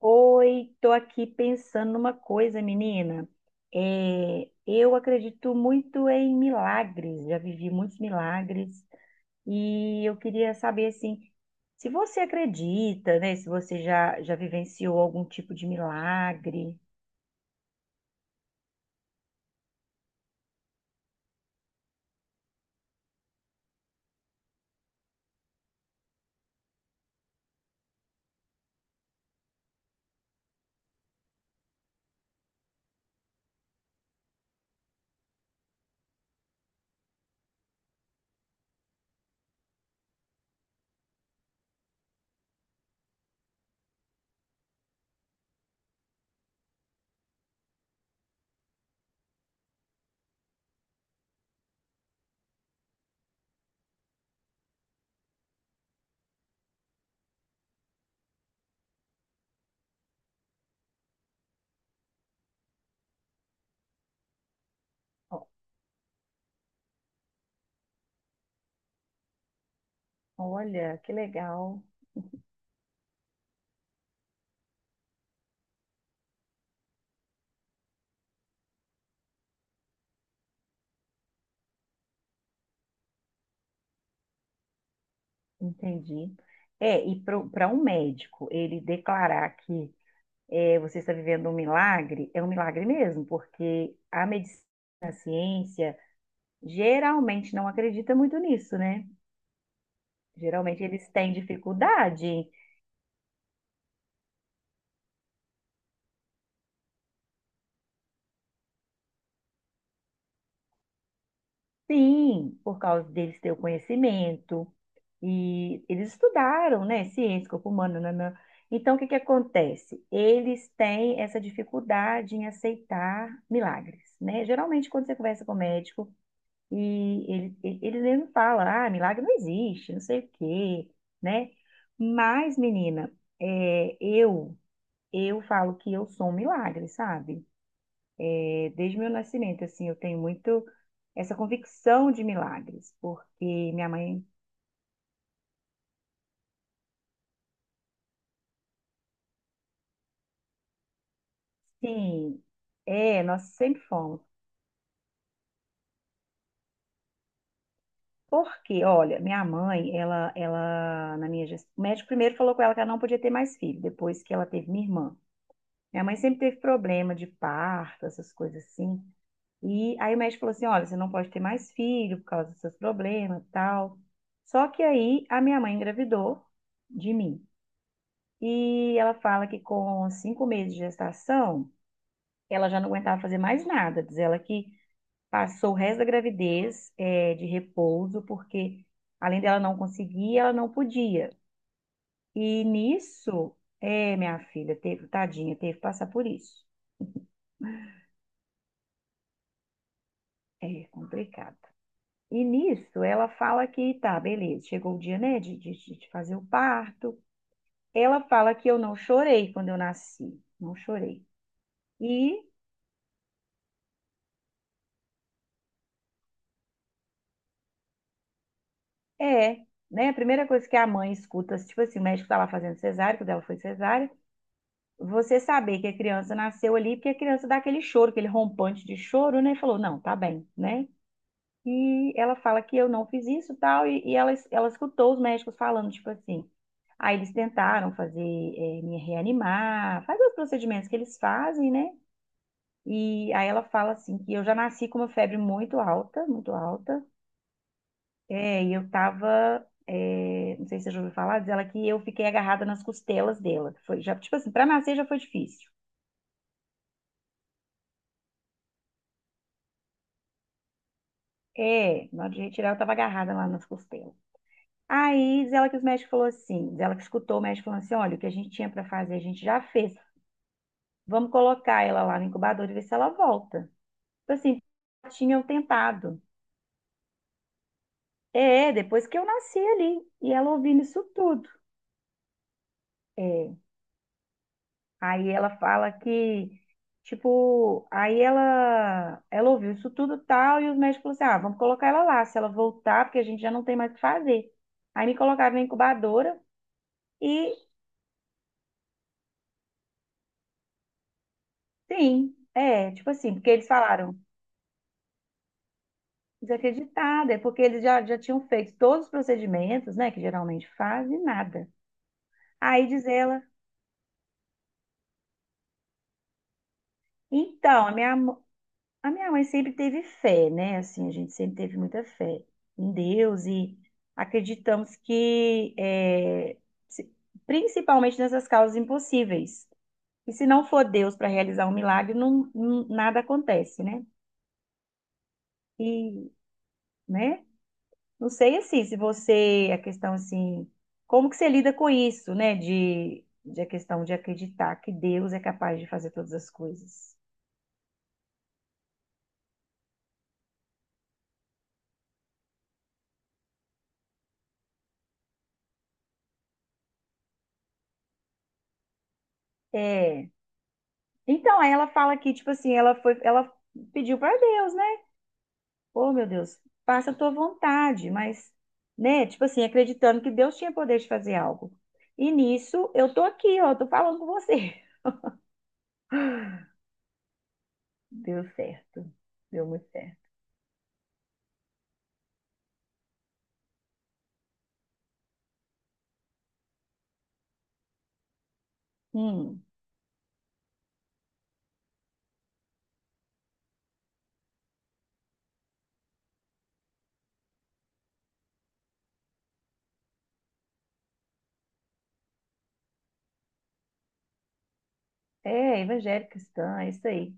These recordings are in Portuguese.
Oi, tô aqui pensando numa coisa, menina. É, eu acredito muito em milagres, já vivi muitos milagres e eu queria saber assim, se você acredita, né? Se você já, já vivenciou algum tipo de milagre. O- Olha, que legal. Entendi. É, e para um médico ele declarar que você está vivendo um milagre, é um milagre mesmo, porque a medicina geralmente não acredita muito nisso, né? Geralmente eles têm dificuldade, sim, por causa deles ter o conhecimento e eles estudaram, né? Ciência, corpo humano, nanã. Então, o que que acontece? Eles têm essa dificuldade em aceitar milagres, né? Geralmente, quando você conversa com o médico e ele mesmo fala, ah, milagre não existe, não sei o quê, né? Mas, menina, é, eu, eu falo que eu sou um milagre, sabe? Desde meu nascimento, assim, eu tenho muito essa convicção de milagres, porque minha mãe, sim, é, nós sempre fomos. Porque, olha, minha mãe, ela, na minha gestão, o médico primeiro falou com ela que ela não podia ter mais filho, depois que ela teve minha irmã. Minha mãe sempre teve problema de parto, essas coisas assim. E aí o médico falou assim, olha, você não pode ter mais filho por causa dos seus problemas e tal. Só que aí a minha mãe engravidou de mim. E ela fala que com cinco meses de gestação, ela já não aguentava fazer mais nada. Diz ela que passou o resto da gravidez, de repouso, porque além dela não conseguir, ela não podia. E nisso, é, minha filha, teve, tadinha, teve que passar por isso. É complicado. E nisso, ela fala que tá, beleza, chegou o dia, né, de fazer o parto. Ela fala que eu não chorei quando eu nasci, não chorei. E É, né? A primeira coisa que a mãe escuta, tipo assim, o médico tá lá fazendo cesárea, que o dela foi cesárea, você saber que a criança nasceu ali, porque a criança dá aquele choro, aquele rompante de choro, né? E falou, não, tá bem, né? E ela fala que eu não fiz isso tal, e ela escutou os médicos falando, tipo assim. Aí eles tentaram fazer, me reanimar, fazer os procedimentos que eles fazem, né? E aí ela fala assim que eu já nasci com uma febre muito alta, muito alta. É, e eu tava, é, não sei se você já ouviu falar, diz ela que eu fiquei agarrada nas costelas dela. Foi, já, tipo assim, pra nascer já foi difícil. É, na hora de retirar eu tava agarrada lá nas costelas. Aí diz ela que os médicos falou assim, diz ela que escutou o médico falando assim, olha, o que a gente tinha pra fazer a gente já fez. Vamos colocar ela lá no incubador e ver se ela volta. Tipo assim, tinham tentado. É, depois que eu nasci ali. E ela ouvindo isso tudo. É. Aí ela fala que, tipo, aí ela ouviu isso tudo e tal, e os médicos falaram assim, ah, vamos colocar ela lá, se ela voltar, porque a gente já não tem mais o que fazer. Aí me colocaram na incubadora e, sim, é, tipo assim, porque eles falaram, desacreditada, é porque eles já tinham feito todos os procedimentos, né, que geralmente fazem, e nada. Aí diz ela, então, a minha mãe sempre teve fé, né? Assim, a gente sempre teve muita fé em Deus e acreditamos que, é, se- principalmente nessas causas impossíveis, e se não for Deus para realizar um milagre, nada acontece, né? E, né? Não sei assim, se você, a questão assim, como que você lida com isso, né? De a questão de acreditar que Deus é capaz de fazer todas as coisas. É. Então, aí ela fala que, tipo assim, ela pediu para Deus, né? Oh, meu Deus, faça a tua vontade, mas, né, tipo assim, acreditando que Deus tinha poder de fazer algo. E nisso, eu tô aqui, ó, tô falando com você. Deu certo. Deu muito certo. Hum, é, evangélica cristã, é isso aí.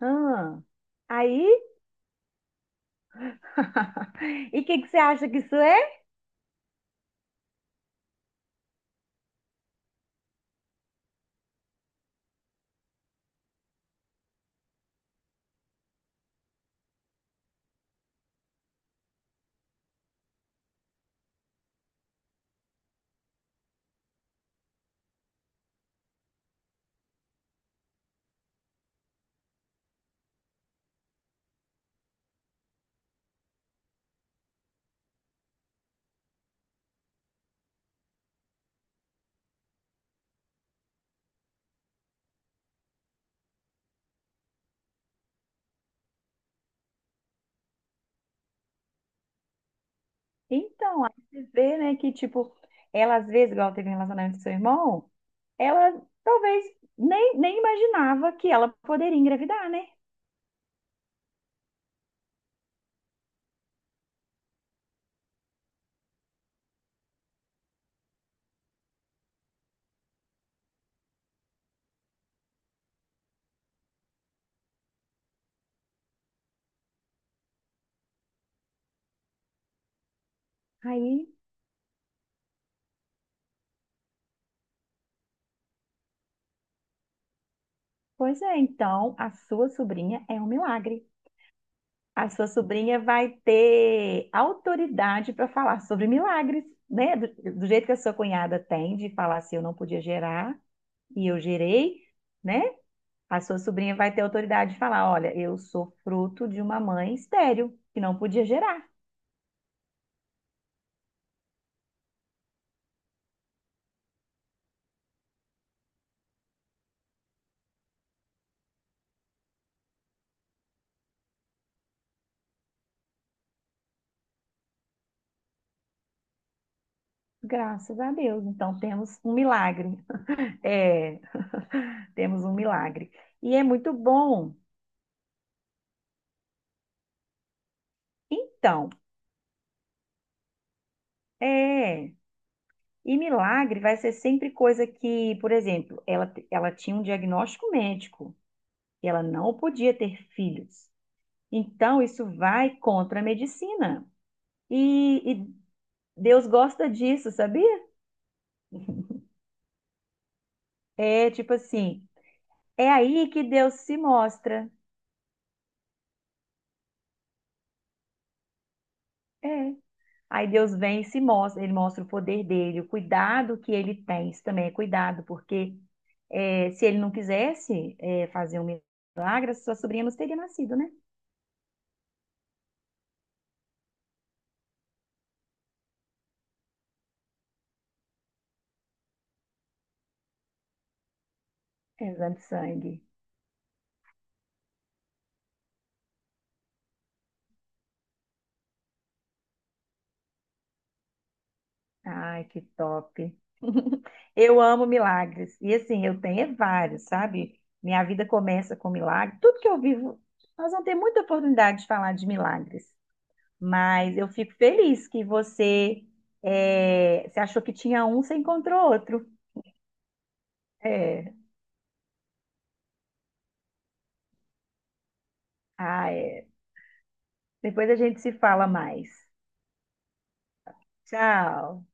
Ah, aí E o que que você acha que isso é? Então, aí você vê, né, que, tipo, ela às vezes, igual teve um relacionamento com seu irmão, ela talvez nem, nem imaginava que ela poderia engravidar, né? Aí, pois é, então, a sua sobrinha é um milagre. A sua sobrinha vai ter autoridade para falar sobre milagres, né? Do jeito que a sua cunhada tem de falar assim, eu não podia gerar e eu gerei, né? A sua sobrinha vai ter autoridade de falar: olha, eu sou fruto de uma mãe estéril, que não podia gerar. Graças a Deus. Então temos um milagre. É, temos um milagre. E é muito bom. Então, é. E milagre vai ser sempre coisa que, por exemplo, ela tinha um diagnóstico médico e ela não podia ter filhos. Então, isso vai contra a medicina. E Deus gosta disso, sabia? É tipo assim, é aí que Deus se mostra. É. Aí Deus vem e se mostra, ele mostra o poder dele, o cuidado que ele tem. Isso também é cuidado, porque é, se ele não quisesse fazer um milagre, sua sobrinha não teria nascido, né? Exame de sangue. Ai, que top. Eu amo milagres. E assim, eu tenho é vários, sabe? Minha vida começa com milagre. Tudo que eu vivo, nós vamos ter muita oportunidade de falar de milagres. Mas eu fico feliz que você, é, você achou que tinha um, você encontrou outro. É. Ah, é. Depois a gente se fala mais. Tchau.